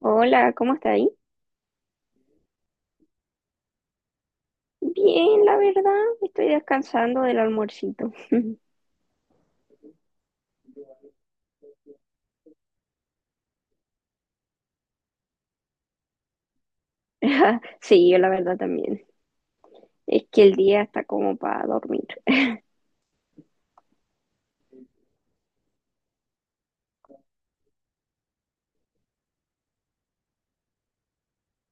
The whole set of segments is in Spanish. Hola, ¿cómo está ahí? Bien, la verdad, estoy descansando del almuercito. Sí, yo la verdad también. Es que el día está como para dormir.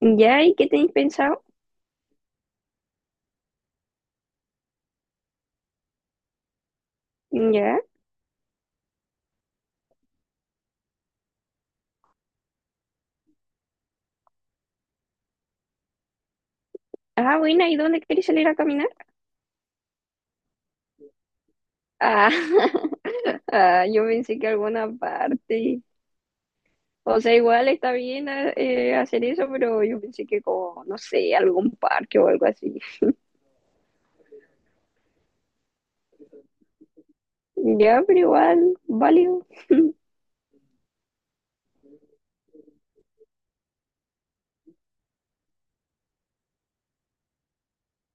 ¿Ya? ¿Y qué tenéis pensado? ¿Ya? Ah, buena, ¿y dónde queréis salir a caminar? Ah, ah, yo pensé que alguna parte. O sea, igual está bien hacer eso, pero yo pensé que como, no sé, algún parque o algo así. Ya, pero igual, válido.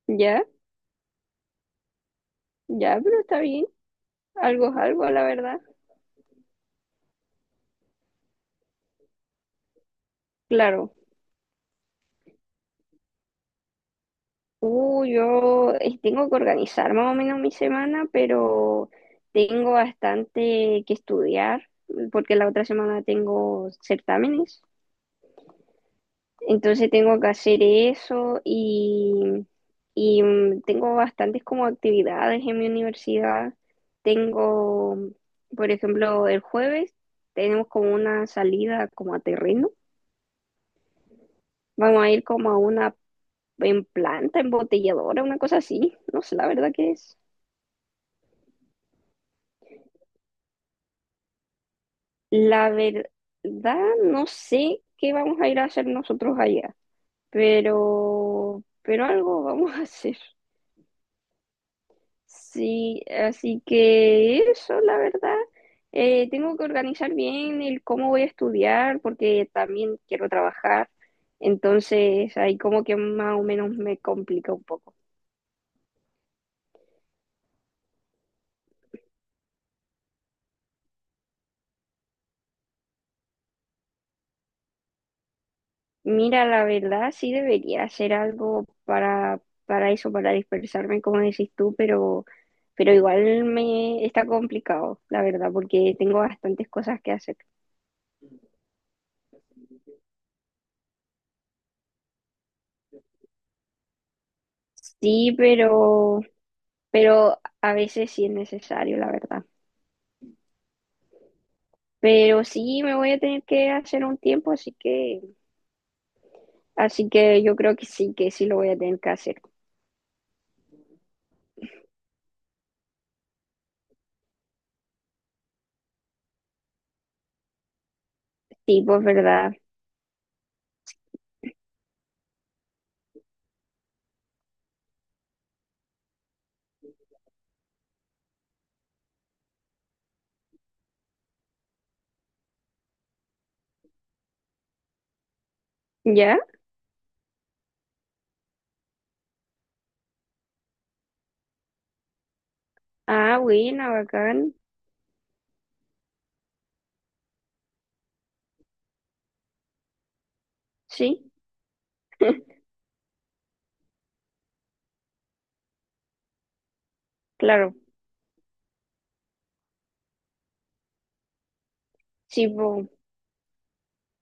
Ya, ya, pero está bien. Algo es algo, la verdad. Claro. Yo tengo que organizar más o menos mi semana, pero tengo bastante que estudiar porque la otra semana tengo certámenes. Entonces tengo que hacer eso y, tengo bastantes como actividades en mi universidad. Tengo, por ejemplo, el jueves tenemos como una salida como a terreno. Vamos a ir como a una en planta embotelladora, una cosa así. No sé la verdad que es. La verdad, no sé qué vamos a ir a hacer nosotros allá, pero algo vamos a hacer. Sí, así que eso, la verdad. Tengo que organizar bien el cómo voy a estudiar, porque también quiero trabajar. Entonces, ahí como que más o menos me complica un poco. Mira, la verdad, sí debería hacer algo para eso, para dispersarme, como decís tú, pero igual me está complicado, la verdad, porque tengo bastantes cosas que hacer. Sí, pero a veces sí es necesario, la verdad. Pero sí me voy a tener que hacer un tiempo, así que yo creo que sí lo voy a tener que hacer. Sí, pues verdad. ¿Ya? Ah, buena, bacán. Sí, claro. Sí, pues.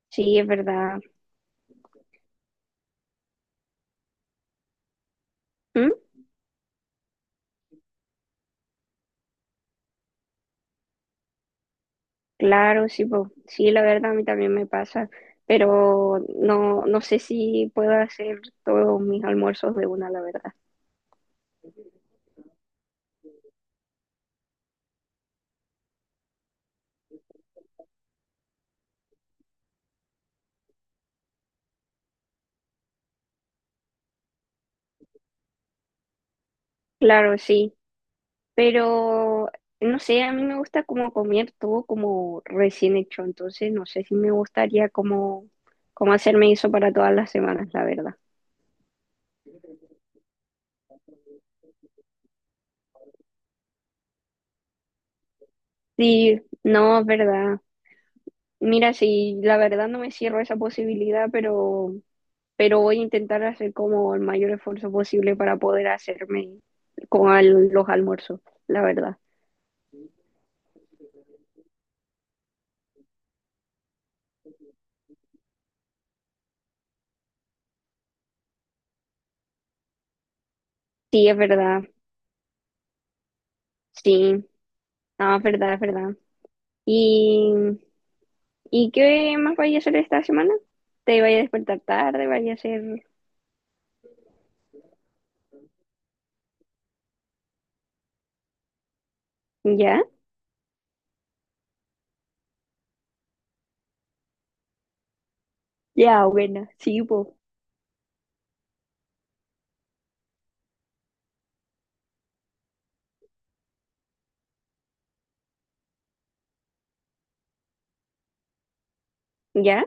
Sí, es verdad. ¿Mm? Claro, sí, po. Sí, la verdad a mí también me pasa, pero no, no sé si puedo hacer todos mis almuerzos de una, la verdad. Claro, sí, pero no sé, a mí me gusta como comer todo como recién hecho, entonces no sé si me gustaría como, como hacerme eso para todas las semanas, la verdad. Sí, no, es verdad. Mira, sí, la verdad no me cierro esa posibilidad, pero voy a intentar hacer como el mayor esfuerzo posible para poder hacerme con al- los almuerzos, la verdad. Sí, es verdad, sí, no, es verdad, es verdad. ¿Y, y qué más vaya a hacer esta semana? ¿Te vaya a despertar tarde? ¿Vaya a hacer ya? Ya, buena, sí, po. ¿Ya?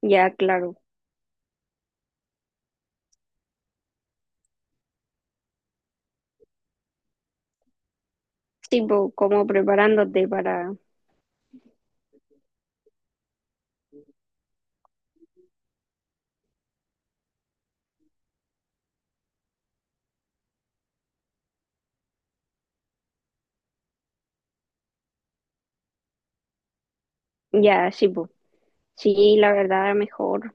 Ya, claro. Sí, po, como preparándote para. Ya, sí, po. Sí, la verdad, mejor.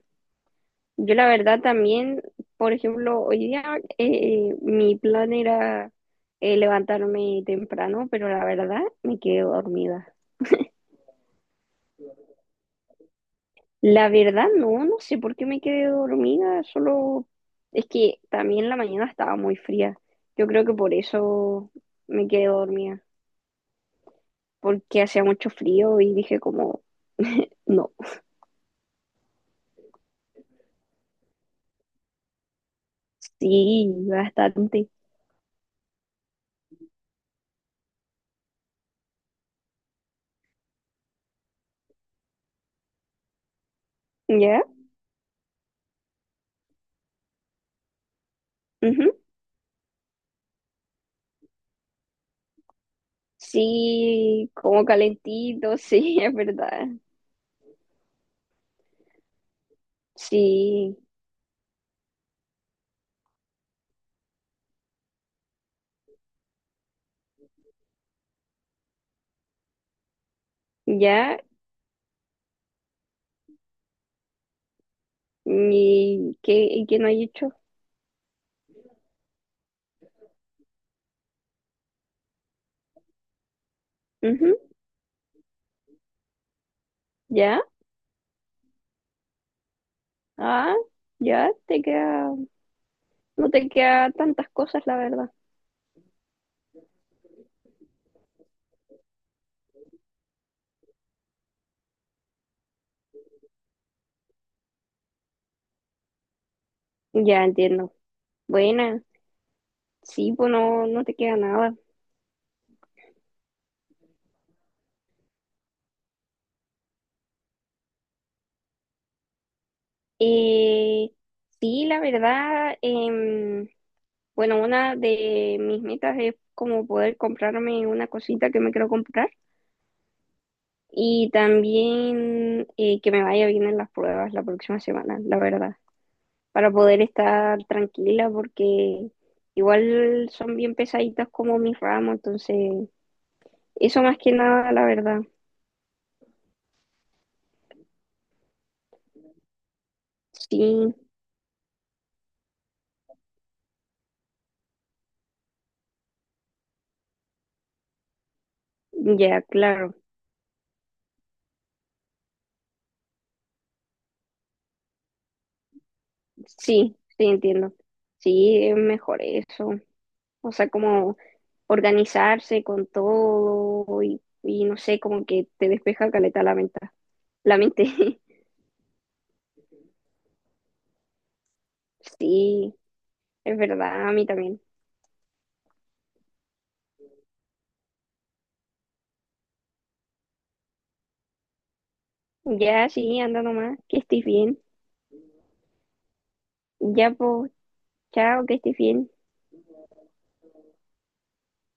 Yo la verdad también, por ejemplo, hoy día mi plan era levantarme temprano, pero la verdad me quedé dormida. La verdad no, no sé por qué me quedé dormida, solo es que también la mañana estaba muy fría. Yo creo que por eso me quedé dormida, porque hacía mucho frío y dije como, no, sí, bastante. ¿Ya? Ujú. Sí, como calentito, sí, es verdad. Sí, ya, y que no hay hecho. Ujú, ya, ah, ya, te queda, no te queda tantas cosas, la verdad. Ya entiendo. Buena, sí, pues no, no te queda nada. Eh, sí, la verdad, bueno, una de mis metas es como poder comprarme una cosita que me quiero comprar y también que me vaya bien en las pruebas la próxima semana, la verdad. Para poder estar tranquila porque igual son bien pesaditas como mis ramos, entonces eso más que nada, la verdad. Sí, ya, claro. Sí, sí, entiendo. Sí, es mejor eso. O sea, como organizarse con todo y no sé, como que te despeja caleta la mente. La mente. Sí, es verdad, a mí también. Ya, sí, anda nomás, que estés bien. Ya, pues, chao, que estés bien.